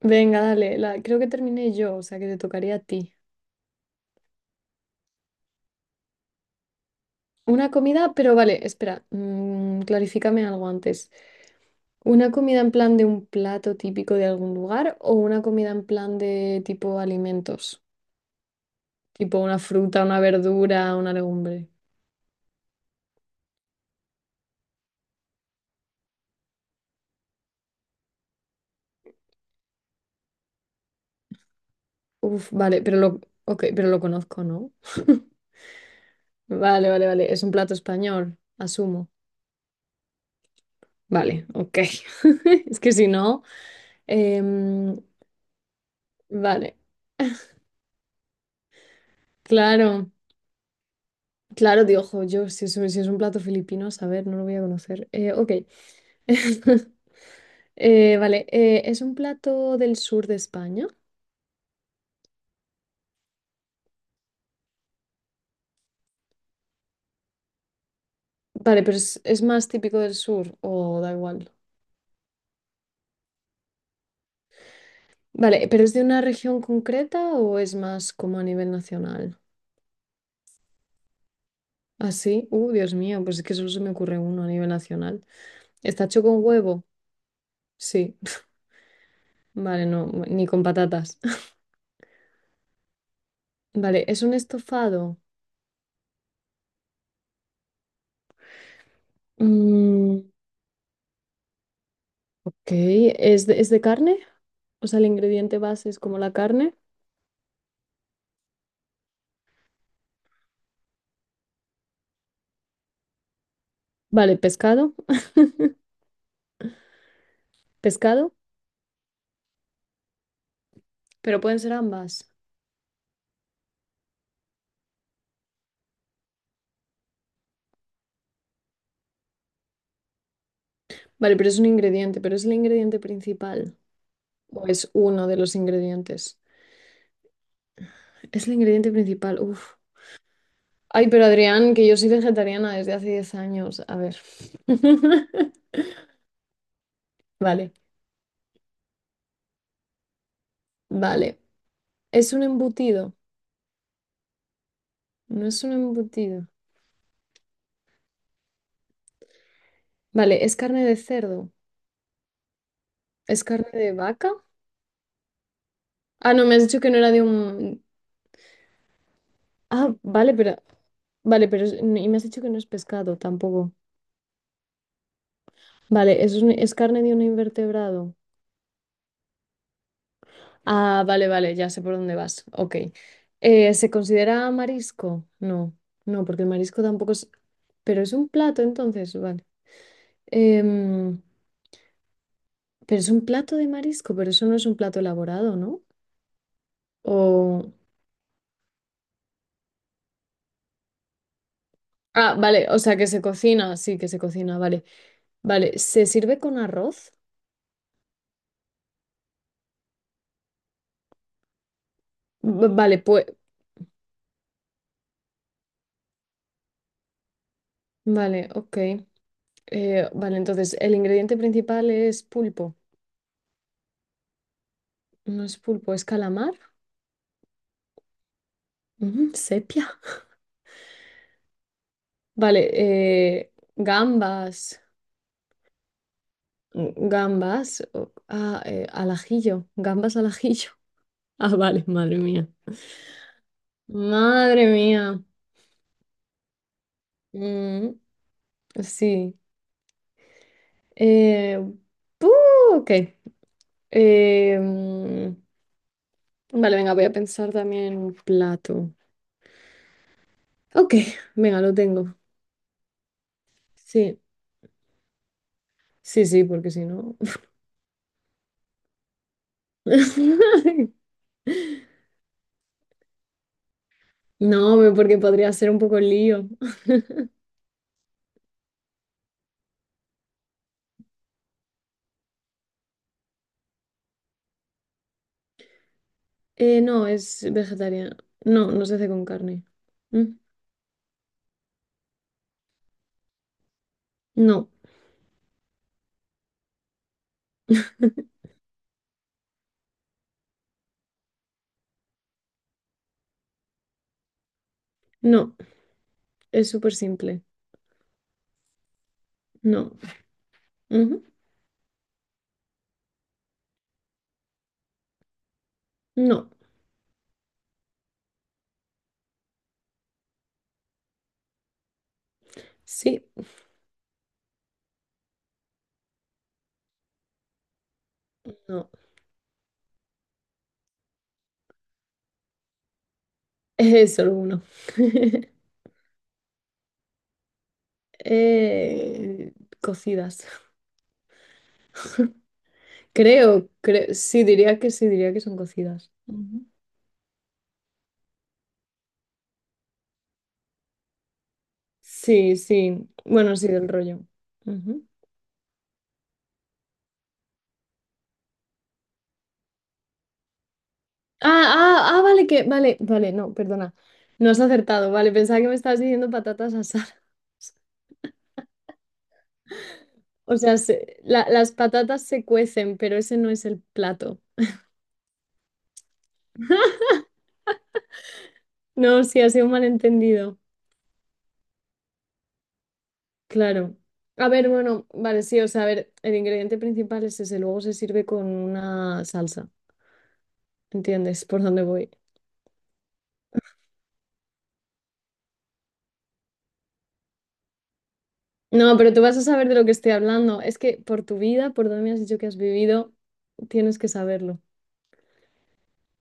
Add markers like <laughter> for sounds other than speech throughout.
Venga, dale, la, creo que terminé yo, o sea que te tocaría a ti. Una comida, pero vale, espera, clarifícame algo antes. ¿Una comida en plan de un plato típico de algún lugar o una comida en plan de tipo alimentos? Tipo una fruta, una verdura, una legumbre. Uf, vale, pero lo, ok, pero lo conozco, ¿no? <laughs> Vale, vale, vale. Es un plato español, asumo. Vale, ok. <laughs> Es que si no. em, vale, claro. Claro, digo, "Jo, yo, si es, si es un plato filipino, a saber, no lo voy a conocer. Ok. <laughs> Vale, ¿es un plato del sur de España? Vale, pero es más típico del sur o da igual. Vale, ¿pero es de una región concreta o es más como a nivel nacional? Así, Dios mío, pues es que solo se me ocurre uno a nivel nacional. ¿Está hecho con huevo? Sí. <laughs> Vale, no, ni con patatas. <laughs> Vale, ¿es un estofado? Mm, ok, es de carne? O sea, el ingrediente base es como la carne. Vale, pescado, pescado, pero pueden ser ambas. Vale, pero es un ingrediente, pero es el ingrediente principal. O es uno de los ingredientes. Es el ingrediente principal, uff. Ay, pero Adrián, que yo soy vegetariana desde hace 10 años. A ver. <laughs> Vale, vale. Es un embutido. No es un embutido. Vale, es carne de cerdo. ¿Es carne de vaca? Ah, no, me has dicho que no era de un... Ah, vale, pero... Vale, pero... es- Y me has dicho que no es pescado tampoco. Vale, ¿es, un- es carne de un invertebrado? Ah, vale, vale, ya sé por dónde vas. Ok. ¿Se considera marisco? No, no, porque el marisco tampoco es... Pero es un plato, entonces, vale. Em, pero es un plato de marisco, pero eso no es un plato elaborado, ¿no? O... Ah, vale, o sea, que se cocina, sí, que se cocina, vale. Vale, ¿se sirve con arroz? V- vale, pues... Vale, ok. Vale, entonces, el ingrediente principal es pulpo. No es pulpo, es calamar. Sepia. Vale, gambas, gambas, o- ah, al ajillo, gambas al ajillo. <laughs> Ah, vale, madre mía. Madre mía. Mm, sí. Eh, buh, ok. Eh, mm, vale, venga, voy a pensar también en un plato. Ok, <laughs> venga, lo tengo. Sí, sí, sí, porque si no... <laughs> No, porque podría ser un poco lío. No, es vegetariana. No, no se hace con carne. Mm, No, no, es súper simple. No, ujú, No, sí, no. <laughs> Es solo uno. <laughs> Eh, cocidas. Creo, creo, sí, diría que son cocidas. Ujú. Sí, sí. Bueno, sí, del rollo. Ujú. Ah, ah, ah, vale, que, vale, vale, no, perdona. No has acertado, vale, pensaba que me estabas diciendo patatas asadas. O sea, se- la- las patatas se cuecen, pero ese no es el plato. No, sí, ha sido un malentendido. Claro. A ver, bueno, vale, sí, o sea, a ver, el ingrediente principal es ese, luego se sirve con una salsa. ¿Entiendes por dónde voy? No, pero tú vas a saber de lo que estoy hablando. Es que por tu vida, por donde me has dicho que has vivido, tienes que saberlo.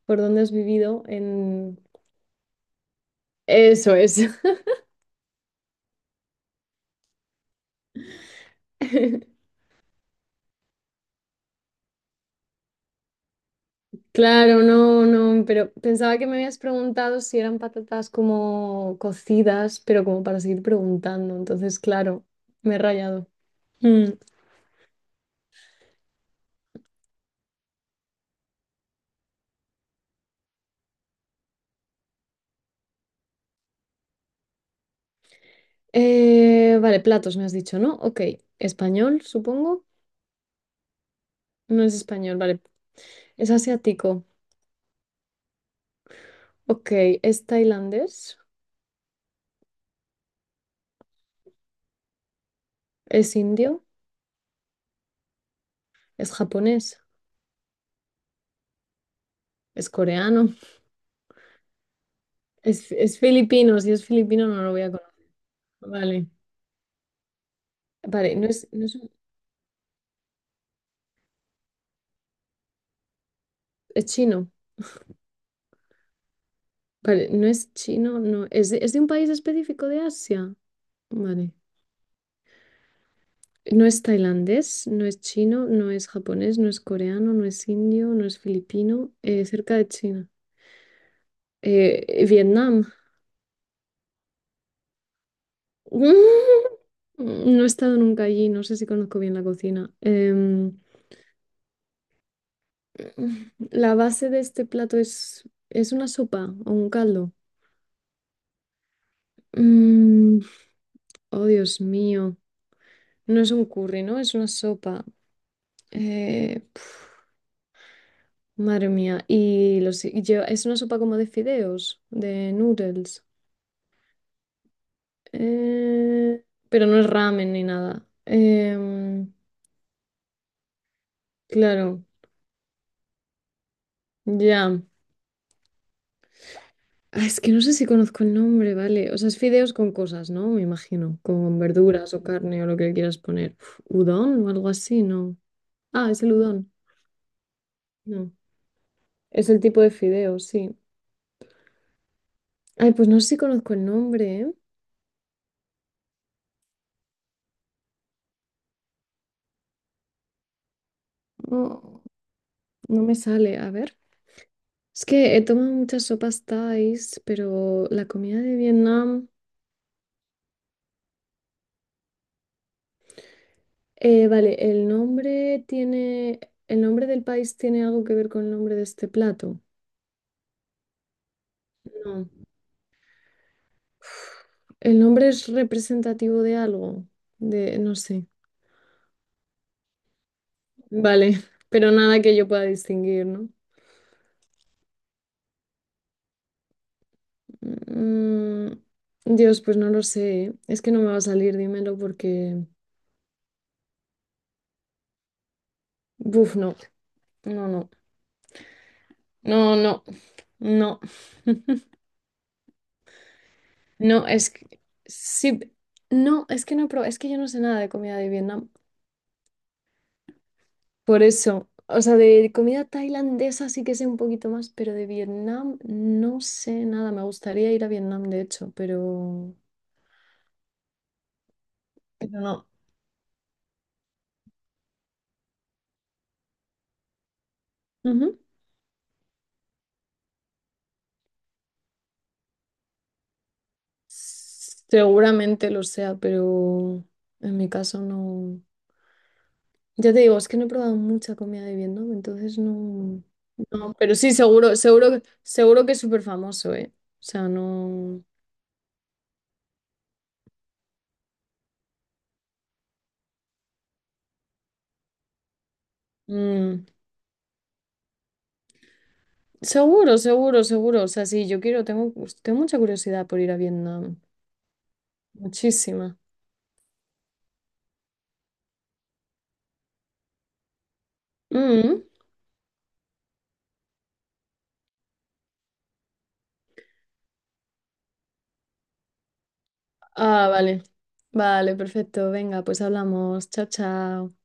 Por dónde has vivido en... Eso es. <laughs> Claro, no, no, pero pensaba que me habías preguntado si eran patatas como cocidas, pero como para seguir preguntando. Entonces, claro, me he rayado. Mm, vale, platos me has dicho, ¿no? Ok, español, supongo. No es español, vale. Es asiático. Ok, es tailandés, es indio, es japonés, es coreano, es filipino. Si es filipino no lo voy a conocer. Vale, vale, no es, no es, es chino. Vale, no es chino, no. Es de un país específico de Asia? Vale. No es tailandés, no es chino, no es japonés, no es coreano, no es indio, no es filipino. Cerca de China. Vietnam. <laughs> No he estado nunca allí, no sé si conozco bien la cocina. La base de este plato es una sopa o un caldo. Mm, oh, Dios mío. No es un curry, ¿no? Es una sopa. Eh, Madre mía. Y los, y lleva- es una sopa como de fideos, de noodles. Eh, pero no es ramen ni nada. Claro, ya. Ah, es que no sé si conozco el nombre, ¿vale? O sea, es fideos con cosas, ¿no? Me imagino. Con verduras o carne o lo que le quieras poner. Uf, ¿Udon o algo así? No. Ah, es el udon. No. Es el tipo de fideos, sí. Ay, pues no sé si conozco el nombre, ¿eh? No, no me sale. A ver. Es que he tomado muchas sopas Thais, pero la comida de Vietnam. Vale, el nombre tiene. ¿El nombre del país tiene algo que ver con el nombre de este plato? No. ¿El nombre es representativo de algo? De, no sé. Vale, <laughs> pero nada que yo pueda distinguir, ¿no? Mm, Dios, pues no lo sé. ¿Eh? Es que no me va a salir, dímelo, porque. Buf, no. No, no. No, no. No. No, es que sí, no, es que no, pero es que yo no sé nada de comida de Vietnam. Por eso, o sea, de comida tailandesa sí que sé un poquito más, pero de Vietnam no sé nada. Me gustaría ir a Vietnam, de hecho, pero no. Ujú. Seguramente lo sea, pero en mi caso no. Ya te digo, es que no he probado mucha comida de Vietnam, entonces no. No, pero sí, seguro, seguro, seguro que es súper famoso, ¿eh? O sea, no. mm, Seguro, seguro, seguro. O sea, sí, yo quiero, tengo, tengo mucha curiosidad por ir a Vietnam. Muchísima. Mm. Ah, vale. Vale, perfecto. Venga, pues hablamos. Chao, chao.